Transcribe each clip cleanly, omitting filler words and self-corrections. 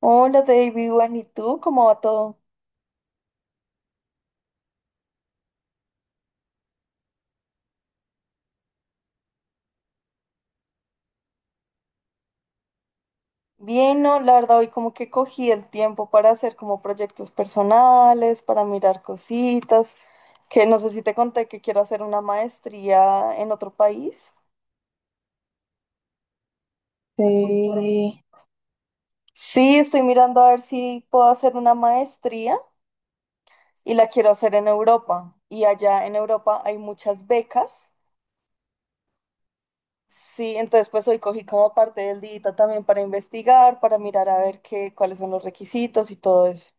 Hola David, bueno, ¿y tú? ¿Cómo va todo? Bien, no, la verdad hoy como que cogí el tiempo para hacer como proyectos personales, para mirar cositas, que no sé si te conté que quiero hacer una maestría en otro país. Sí. Sí, estoy mirando a ver si puedo hacer una maestría y la quiero hacer en Europa. Y allá en Europa hay muchas becas. Sí, entonces pues hoy cogí como parte del día también para investigar, para mirar a ver qué, cuáles son los requisitos y todo eso.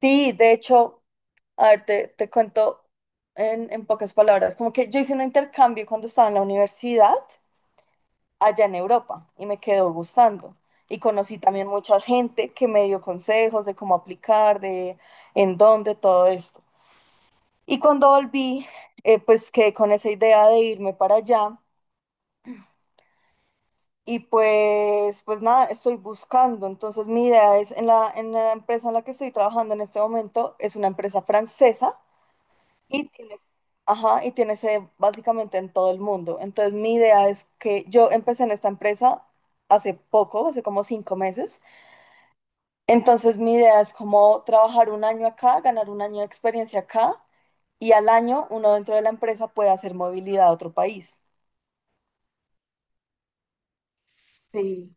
Sí, de hecho, a ver, te cuento en pocas palabras, como que yo hice un intercambio cuando estaba en la universidad allá en Europa y me quedó gustando. Y conocí también mucha gente que me dio consejos de cómo aplicar, de en dónde, todo esto. Y cuando volví, pues quedé con esa idea de irme para allá y pues, pues nada, estoy buscando. Entonces mi idea es, en la empresa en la que estoy trabajando en este momento, es una empresa francesa. Y tiene, ajá, y tiene sede básicamente en todo el mundo. Entonces, mi idea es que yo empecé en esta empresa hace poco, hace como 5 meses. Entonces, mi idea es como trabajar un año acá, ganar un año de experiencia acá y al año uno dentro de la empresa puede hacer movilidad a otro país. Sí.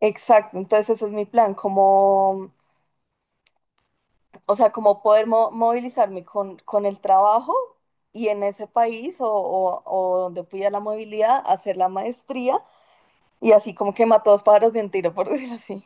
Exacto, entonces ese es mi plan, como, o sea, como poder movilizarme con el trabajo y en ese país o donde pida la movilidad, hacer la maestría. Y así como que mató dos pájaros de un tiro, por decirlo así.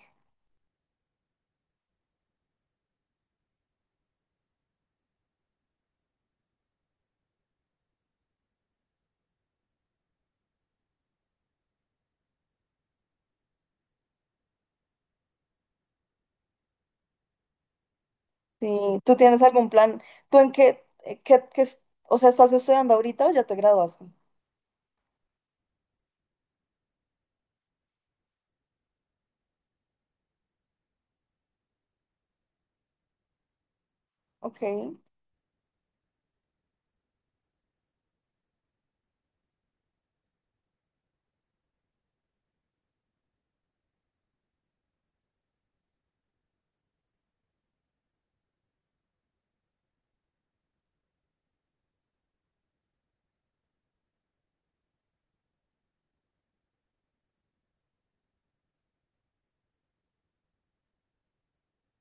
Sí, ¿tú tienes algún plan? ¿Tú en qué, qué, qué es- o sea, estás estudiando ahorita o ya te graduaste? Ok,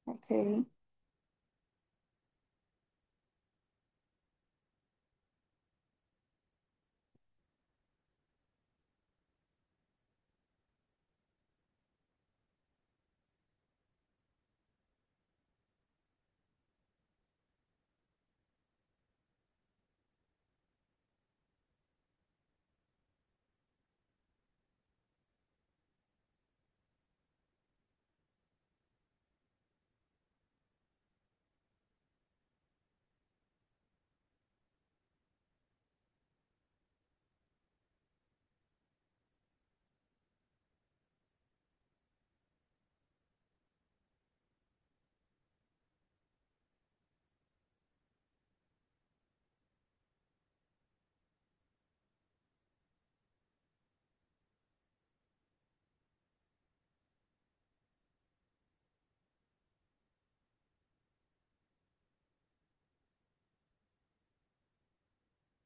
ok.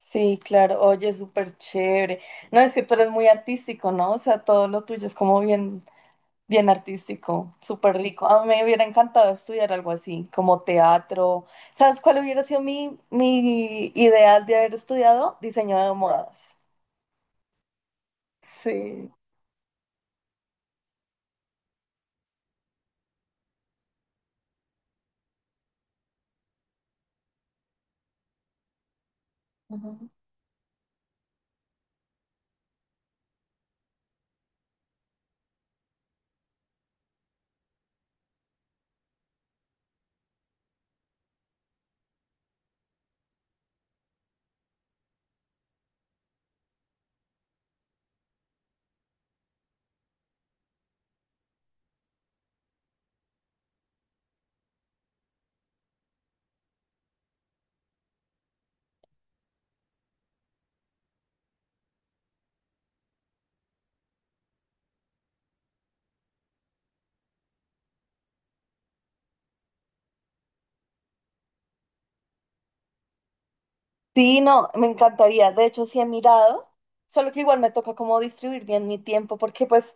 Sí, claro, oye, súper chévere. No, es que tú eres muy artístico, ¿no? O sea, todo lo tuyo es como bien, bien artístico, súper rico. A mí me hubiera encantado estudiar algo así, como teatro. ¿Sabes cuál hubiera sido mi ideal de haber estudiado? Diseño de modas. Sí. Sí, no, me encantaría. De hecho, sí he mirado, solo que igual me toca como distribuir bien mi tiempo, porque pues,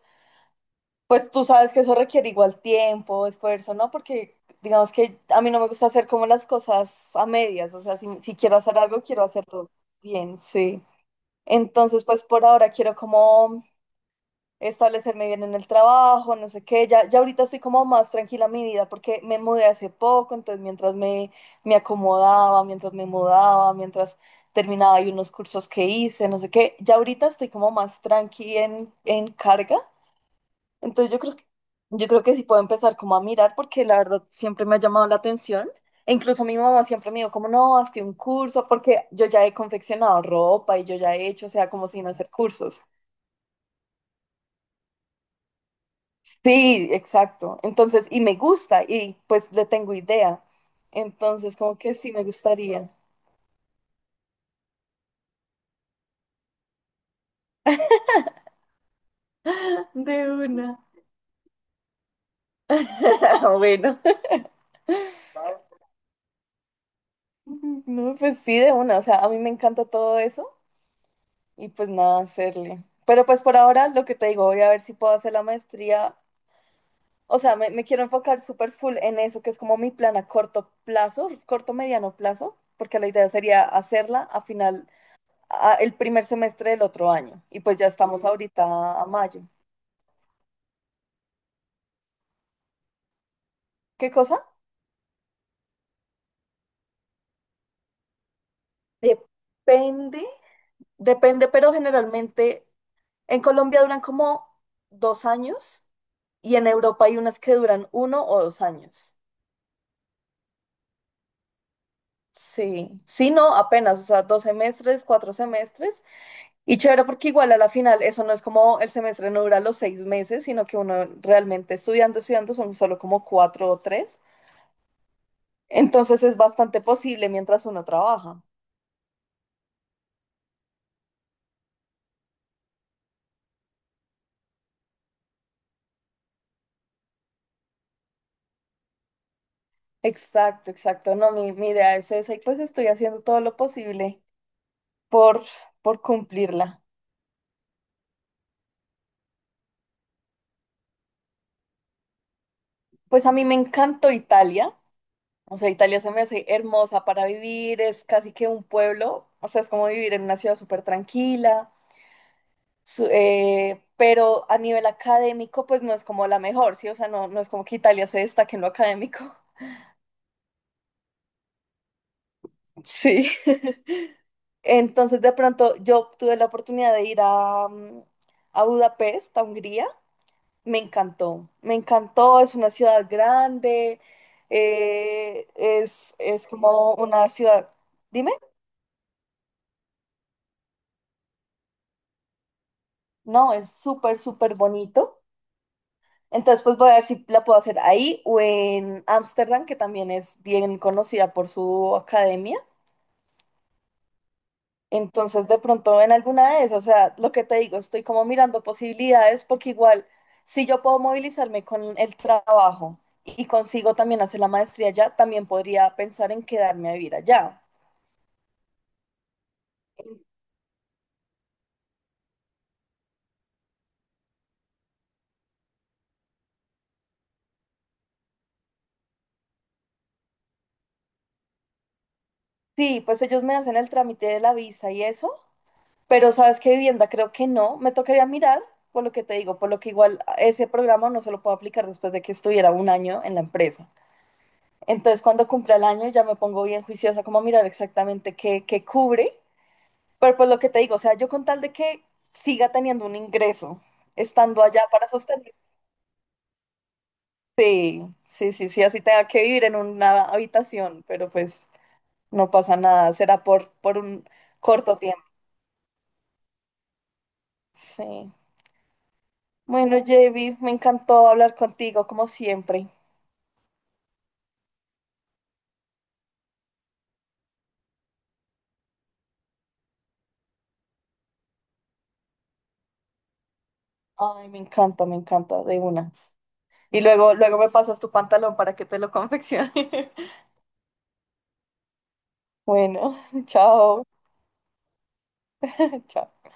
pues tú sabes que eso requiere igual tiempo, esfuerzo, ¿no? Porque digamos que a mí no me gusta hacer como las cosas a medias, o sea, si quiero hacer algo, quiero hacerlo bien, sí. Entonces, pues por ahora quiero como establecerme bien en el trabajo, no sé qué. Ya, ya ahorita estoy como más tranquila en mi vida porque me mudé hace poco, entonces mientras me acomodaba, mientras me mudaba, mientras terminaba y unos cursos que hice, no sé qué, ya ahorita estoy como más tranqui en carga. Entonces yo creo que sí puedo empezar como a mirar porque la verdad siempre me ha llamado la atención. E incluso mi mamá siempre me dijo como, no, hazte un curso, porque yo ya he confeccionado ropa y yo ya he hecho, o sea, como sin hacer cursos. Sí, exacto. Entonces, y me gusta y pues le tengo idea. Entonces, como que sí me gustaría. De una. Bueno. No, pues sí, de una. O sea, a mí me encanta todo eso y pues nada, hacerle. Pero pues por ahora lo que te digo, voy a ver si puedo hacer la maestría. O sea, me quiero enfocar súper full en eso, que es como mi plan a corto plazo, corto mediano plazo, porque la idea sería hacerla a final, el primer semestre del otro año. Y pues ya estamos ahorita a mayo. ¿Qué cosa? Depende, depende, pero generalmente en Colombia duran como 2 años y en Europa hay unas que duran 1 o 2 años. Sí, sí, no, apenas, o sea, 2 semestres, 4 semestres. Y chévere porque igual a la final eso no es como el semestre no dura los 6 meses, sino que uno realmente estudiando, estudiando son solo como 4 o 3. Entonces es bastante posible mientras uno trabaja. Exacto, exacto. No, mi idea es esa y pues estoy haciendo todo lo posible por, por cumplirla. Pues a mí me encantó Italia, o sea, Italia se me hace hermosa para vivir, es casi que un pueblo, o sea, es como vivir en una ciudad súper tranquila, pero a nivel académico, pues no es como la mejor, ¿sí? O sea, no, no es como que Italia se destaque en lo académico. Sí. Entonces, de pronto, yo tuve la oportunidad de ir a, a Budapest, a Hungría. Me encantó, es una ciudad grande, es como una ciudad, dime, no, es súper, súper bonito. Entonces, pues voy a ver si la puedo hacer ahí o en Ámsterdam, que también es bien conocida por su academia. Entonces, de pronto en alguna de esas, o sea, lo que te digo, estoy como mirando posibilidades porque igual, si yo puedo movilizarme con el trabajo y consigo también hacer la maestría allá, también podría pensar en quedarme a vivir allá. Sí, pues ellos me hacen el trámite de la visa y eso, pero sabes qué vivienda creo que no, me tocaría mirar por lo que te digo, por lo que igual ese programa no se lo puedo aplicar después de que estuviera un año en la empresa. Entonces cuando cumpla el año ya me pongo bien juiciosa como a mirar exactamente qué, cubre, pero pues lo que te digo, o sea, yo con tal de que siga teniendo un ingreso, estando allá para sostener. Sí, sí, sí, sí, así tenga que vivir en una habitación, pero pues no pasa nada, será por un corto tiempo. Sí. Bueno, Javi, me encantó hablar contigo, como siempre. Ay, me encanta, de una. Y luego, luego me pasas tu pantalón para que te lo confeccione. Bueno, chao, chao.